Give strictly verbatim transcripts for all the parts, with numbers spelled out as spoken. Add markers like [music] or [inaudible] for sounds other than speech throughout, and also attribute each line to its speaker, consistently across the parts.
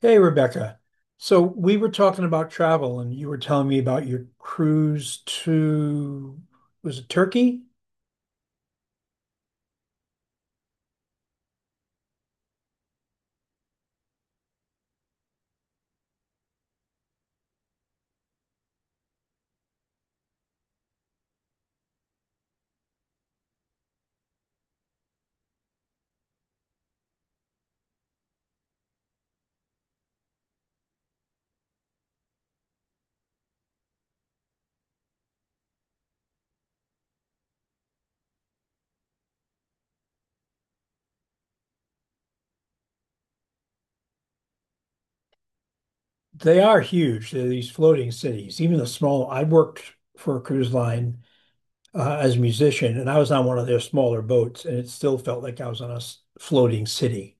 Speaker 1: Hey, Rebecca. So we were talking about travel, and you were telling me about your cruise to, was it Turkey? They are huge. They're these floating cities, even the small. I worked for a cruise line uh, as a musician, and I was on one of their smaller boats, and it still felt like I was on a s- floating city.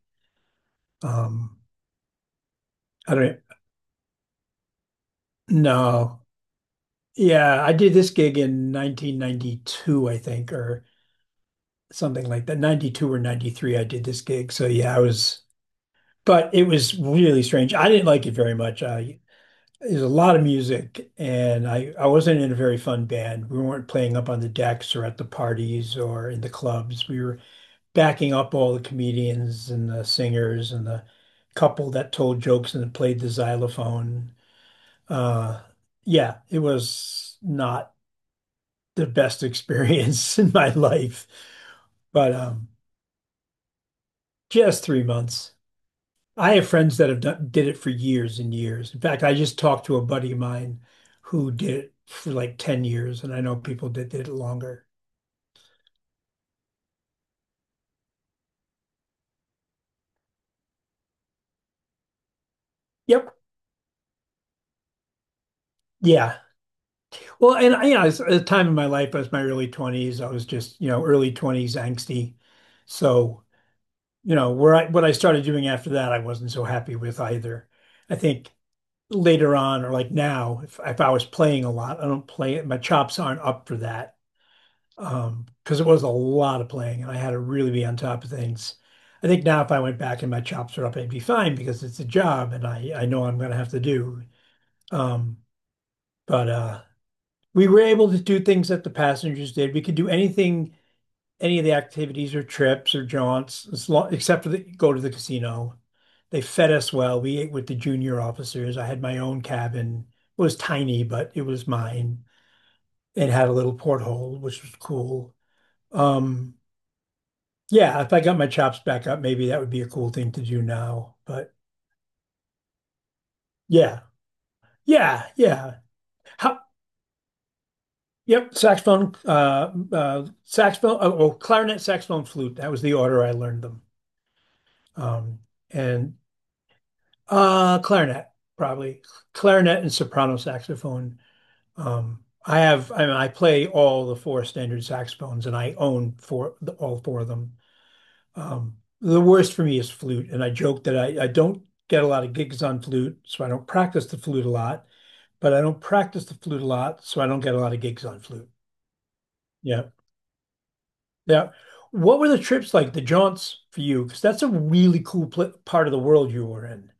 Speaker 1: Um, I don't know. Yeah, I did this gig in nineteen ninety-two, I think, or something like that. ninety-two or ninety-three, I did this gig. So yeah, I was. But it was really strange. I didn't like it very much. I There's a lot of music, and I I wasn't in a very fun band. We weren't playing up on the decks or at the parties or in the clubs. We were backing up all the comedians and the singers and the couple that told jokes and played the xylophone. Uh, yeah, it was not the best experience [laughs] in my life, but um, just three months. I have friends that have done did it for years and years. In fact, I just talked to a buddy of mine who did it for like ten years, and I know people that did it longer. Yep. Yeah. Well, and you know, it's a time in my life, I was my early twenties. I was just, you know, early twenties angsty. So, you know, where I what I started doing after that, I wasn't so happy with either. I think later on, or like now, if if I was playing a lot, I don't play it. My chops aren't up for that. Um, because it was a lot of playing and I had to really be on top of things. I think now if I went back and my chops were up, I'd be fine because it's a job and I, I know I'm going to have to do. Um, but uh, we were able to do things that the passengers did. We could do anything, any of the activities or trips or jaunts, as long, except for the, go to the casino. They fed us well. We ate with the junior officers. I had my own cabin. It was tiny, but it was mine. It had a little porthole, which was cool. Um, Yeah, if I got my chops back up, maybe that would be a cool thing to do now. But yeah, yeah, yeah. How, yep, saxophone, uh, uh, saxophone, oh, oh, clarinet, saxophone, flute. That was the order I learned them. Um, and uh, clarinet, probably clarinet and soprano saxophone. Um, I have, I mean, I play all the four standard saxophones and I own four, all four of them. Um, the worst for me is flute, and I joke that I, I don't get a lot of gigs on flute, so I don't practice the flute a lot, but I don't practice the flute a lot, so I don't get a lot of gigs on flute. Yeah. Yeah. What were the trips like, the jaunts for you? Because that's a really cool pl part of the world you were in.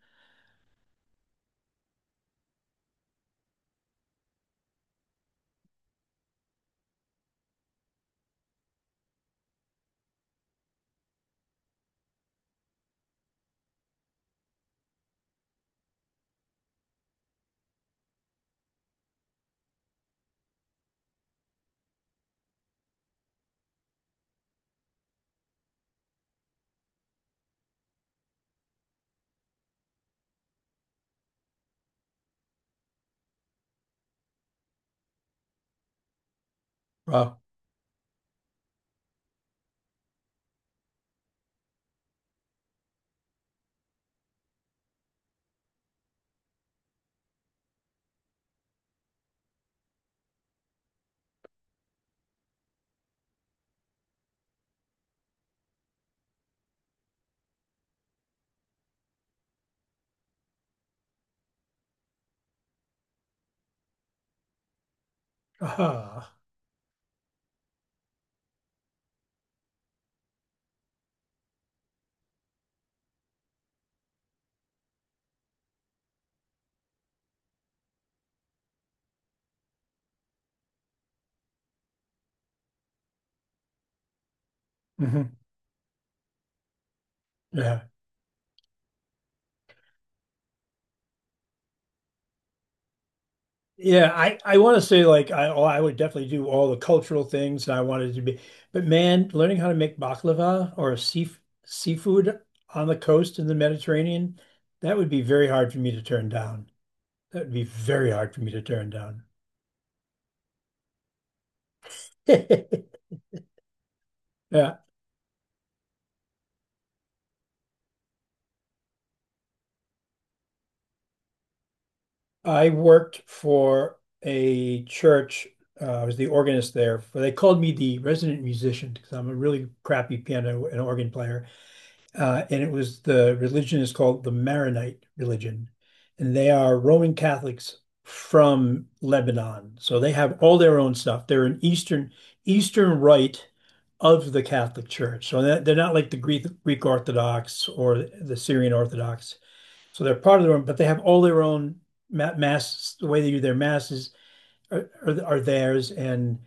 Speaker 1: Uh, aha. Hmm. [laughs] Yeah. Yeah, I, I want to say like I oh, I would definitely do all the cultural things and I wanted to be, but man, learning how to make baklava or sea, seafood on the coast in the Mediterranean, that would be very hard for me to turn down. That would be very hard for me to turn down. [laughs] Yeah, I worked for a church. Uh, I was the organist there. For they called me the resident musician because I'm a really crappy piano and organ player. Uh, and it was the religion is called the Maronite religion, and they are Roman Catholics from Lebanon. So they have all their own stuff. They're an Eastern Eastern Rite of the Catholic Church. So that, they're not like the Greek Greek Orthodox or the Syrian Orthodox. So they're part of their own, but they have all their own ma- mass. The way they do their masses are, are, are theirs, and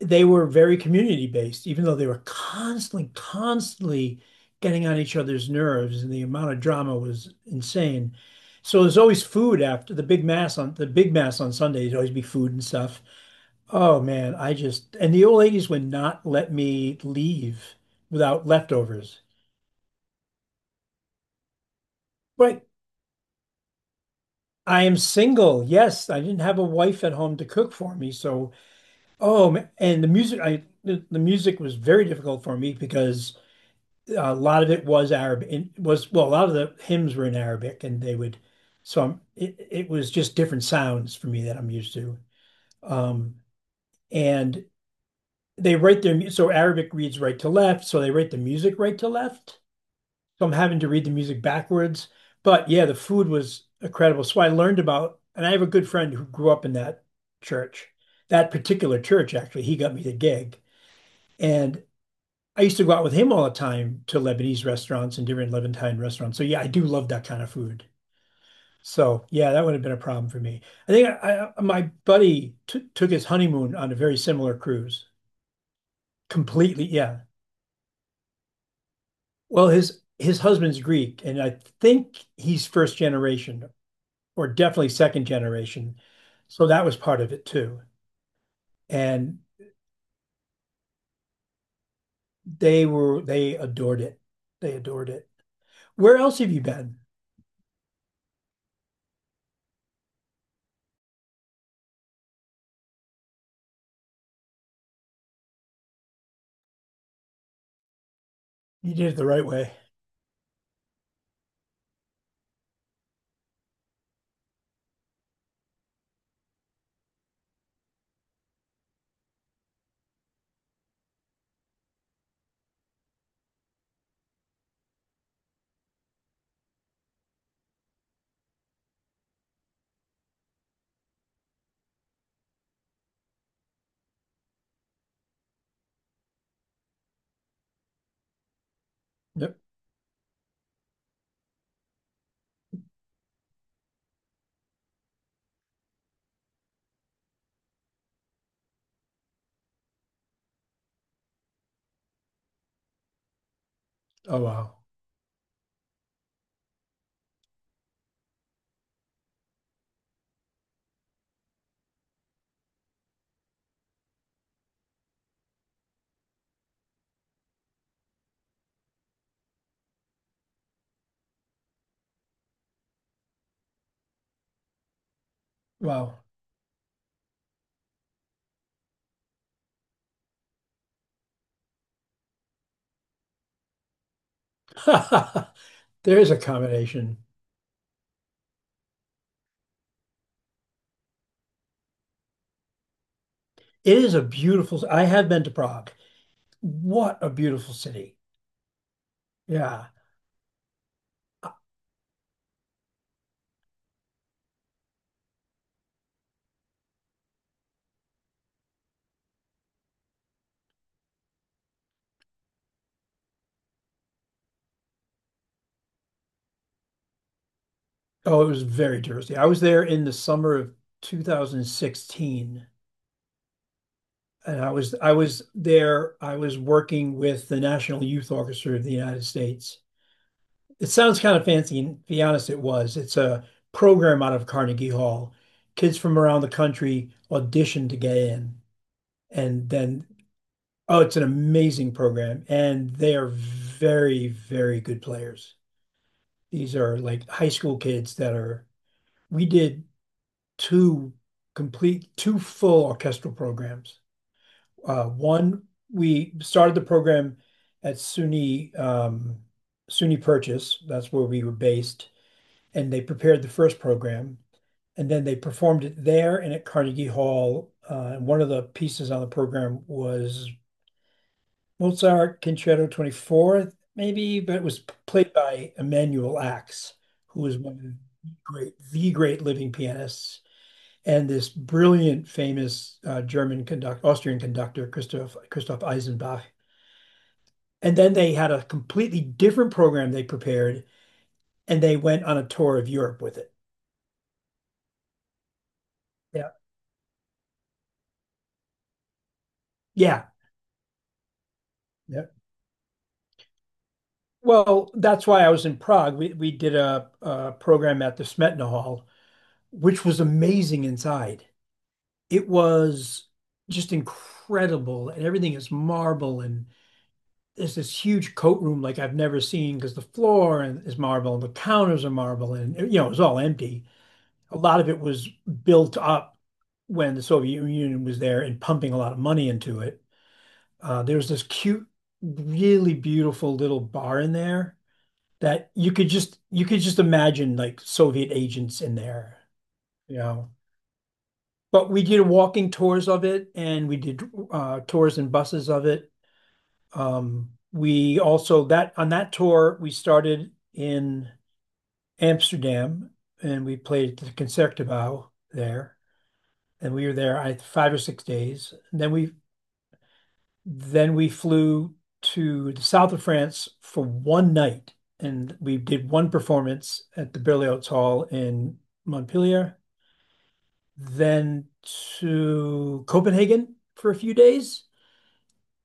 Speaker 1: they were very community based, even though they were constantly, constantly getting on each other's nerves, and the amount of drama was insane. So there's always food after the big mass on the big mass on Sundays. Always be food and stuff. Oh man, I just and the old ladies would not let me leave without leftovers. But I am single. Yes, I didn't have a wife at home to cook for me. So oh, ma- and the music I the, the music was very difficult for me because a lot of it was Arabic and was well, a lot of the hymns were in Arabic and they would so I'm, it it was just different sounds for me that I'm used to. Um, and they write their mu- so Arabic reads right to left, so they write the music right to left. So I'm having to read the music backwards. But yeah, the food was incredible. So I learned about, and I have a good friend who grew up in that church, that particular church actually. He got me the gig. And I used to go out with him all the time to Lebanese restaurants and different Levantine restaurants. So yeah, I do love that kind of food. So yeah, that would have been a problem for me. I think I, I, my buddy t took his honeymoon on a very similar cruise. Completely, yeah. Well, his his husband's Greek, and I think he's first generation or definitely second generation. So that was part of it too. And they were they adored it. They adored it. Where else have you been? You did it the right way. Yep. Oh, wow. Wow. [laughs] There is accommodation. It is a beautiful. I have been to Prague. What a beautiful city. Yeah. Oh, it was very touristy. I was there in the summer of two thousand sixteen, and I was I was there. I was working with the National Youth Orchestra of the United States. It sounds kind of fancy, and to be honest, it was. It's a program out of Carnegie Hall. Kids from around the country audition to get in, and then oh, it's an amazing program, and they are very, very good players. These are like high school kids that are. We did two complete, two full orchestral programs. Uh, one, we started the program at S U N Y um, S U N Y Purchase. That's where we were based and they prepared the first program, and then they performed it there and at Carnegie Hall. Uh, and one of the pieces on the program was Mozart Concerto twenty-four, maybe, but it was played by Emanuel Ax, who was one of the great, the great living pianists, and this brilliant, famous uh, German conductor, Austrian conductor, Christoph, Christoph Eisenbach. And then they had a completely different program they prepared, and they went on a tour of Europe with it. Yeah. Yeah. Well, that's why I was in Prague. We we did a, a program at the Smetana Hall, which was amazing inside. It was just incredible, and everything is marble, and there's this huge coat room like I've never seen because the floor and- is marble, and the counters are marble, and you know it was all empty. A lot of it was built up when the Soviet Union was there and pumping a lot of money into it. Uh, there was this cute, really beautiful little bar in there that you could just you could just imagine like Soviet agents in there, you know. But we did walking tours of it, and we did uh, tours and buses of it. Um, we also that on that tour we started in Amsterdam, and we played at the Concertgebouw there, and we were there I, five or six days. And then we then we flew to the south of France for one night, and we did one performance at the Berlioz Hall in Montpellier. Then to Copenhagen for a few days,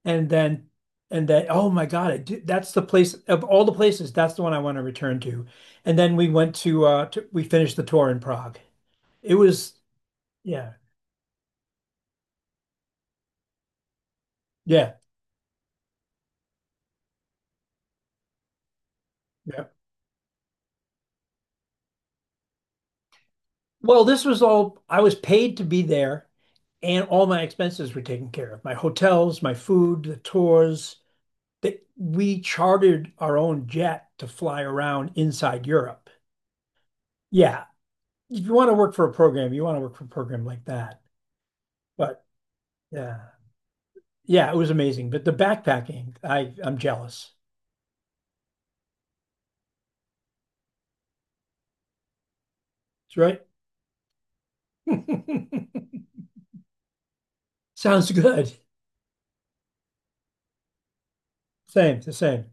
Speaker 1: and then and then oh my God, I do, that's the place of all the places. That's the one I want to return to. And then we went to, uh, to we finished the tour in Prague. It was yeah, yeah, yeah. Well, this was all I was paid to be there and all my expenses were taken care of. My hotels, my food, the tours. That we chartered our own jet to fly around inside Europe. Yeah, if you want to work for a program, you want to work for a program like that. But yeah, yeah, it was amazing. But the backpacking, I I'm jealous. That's right. [laughs] Sounds good. Same, the same.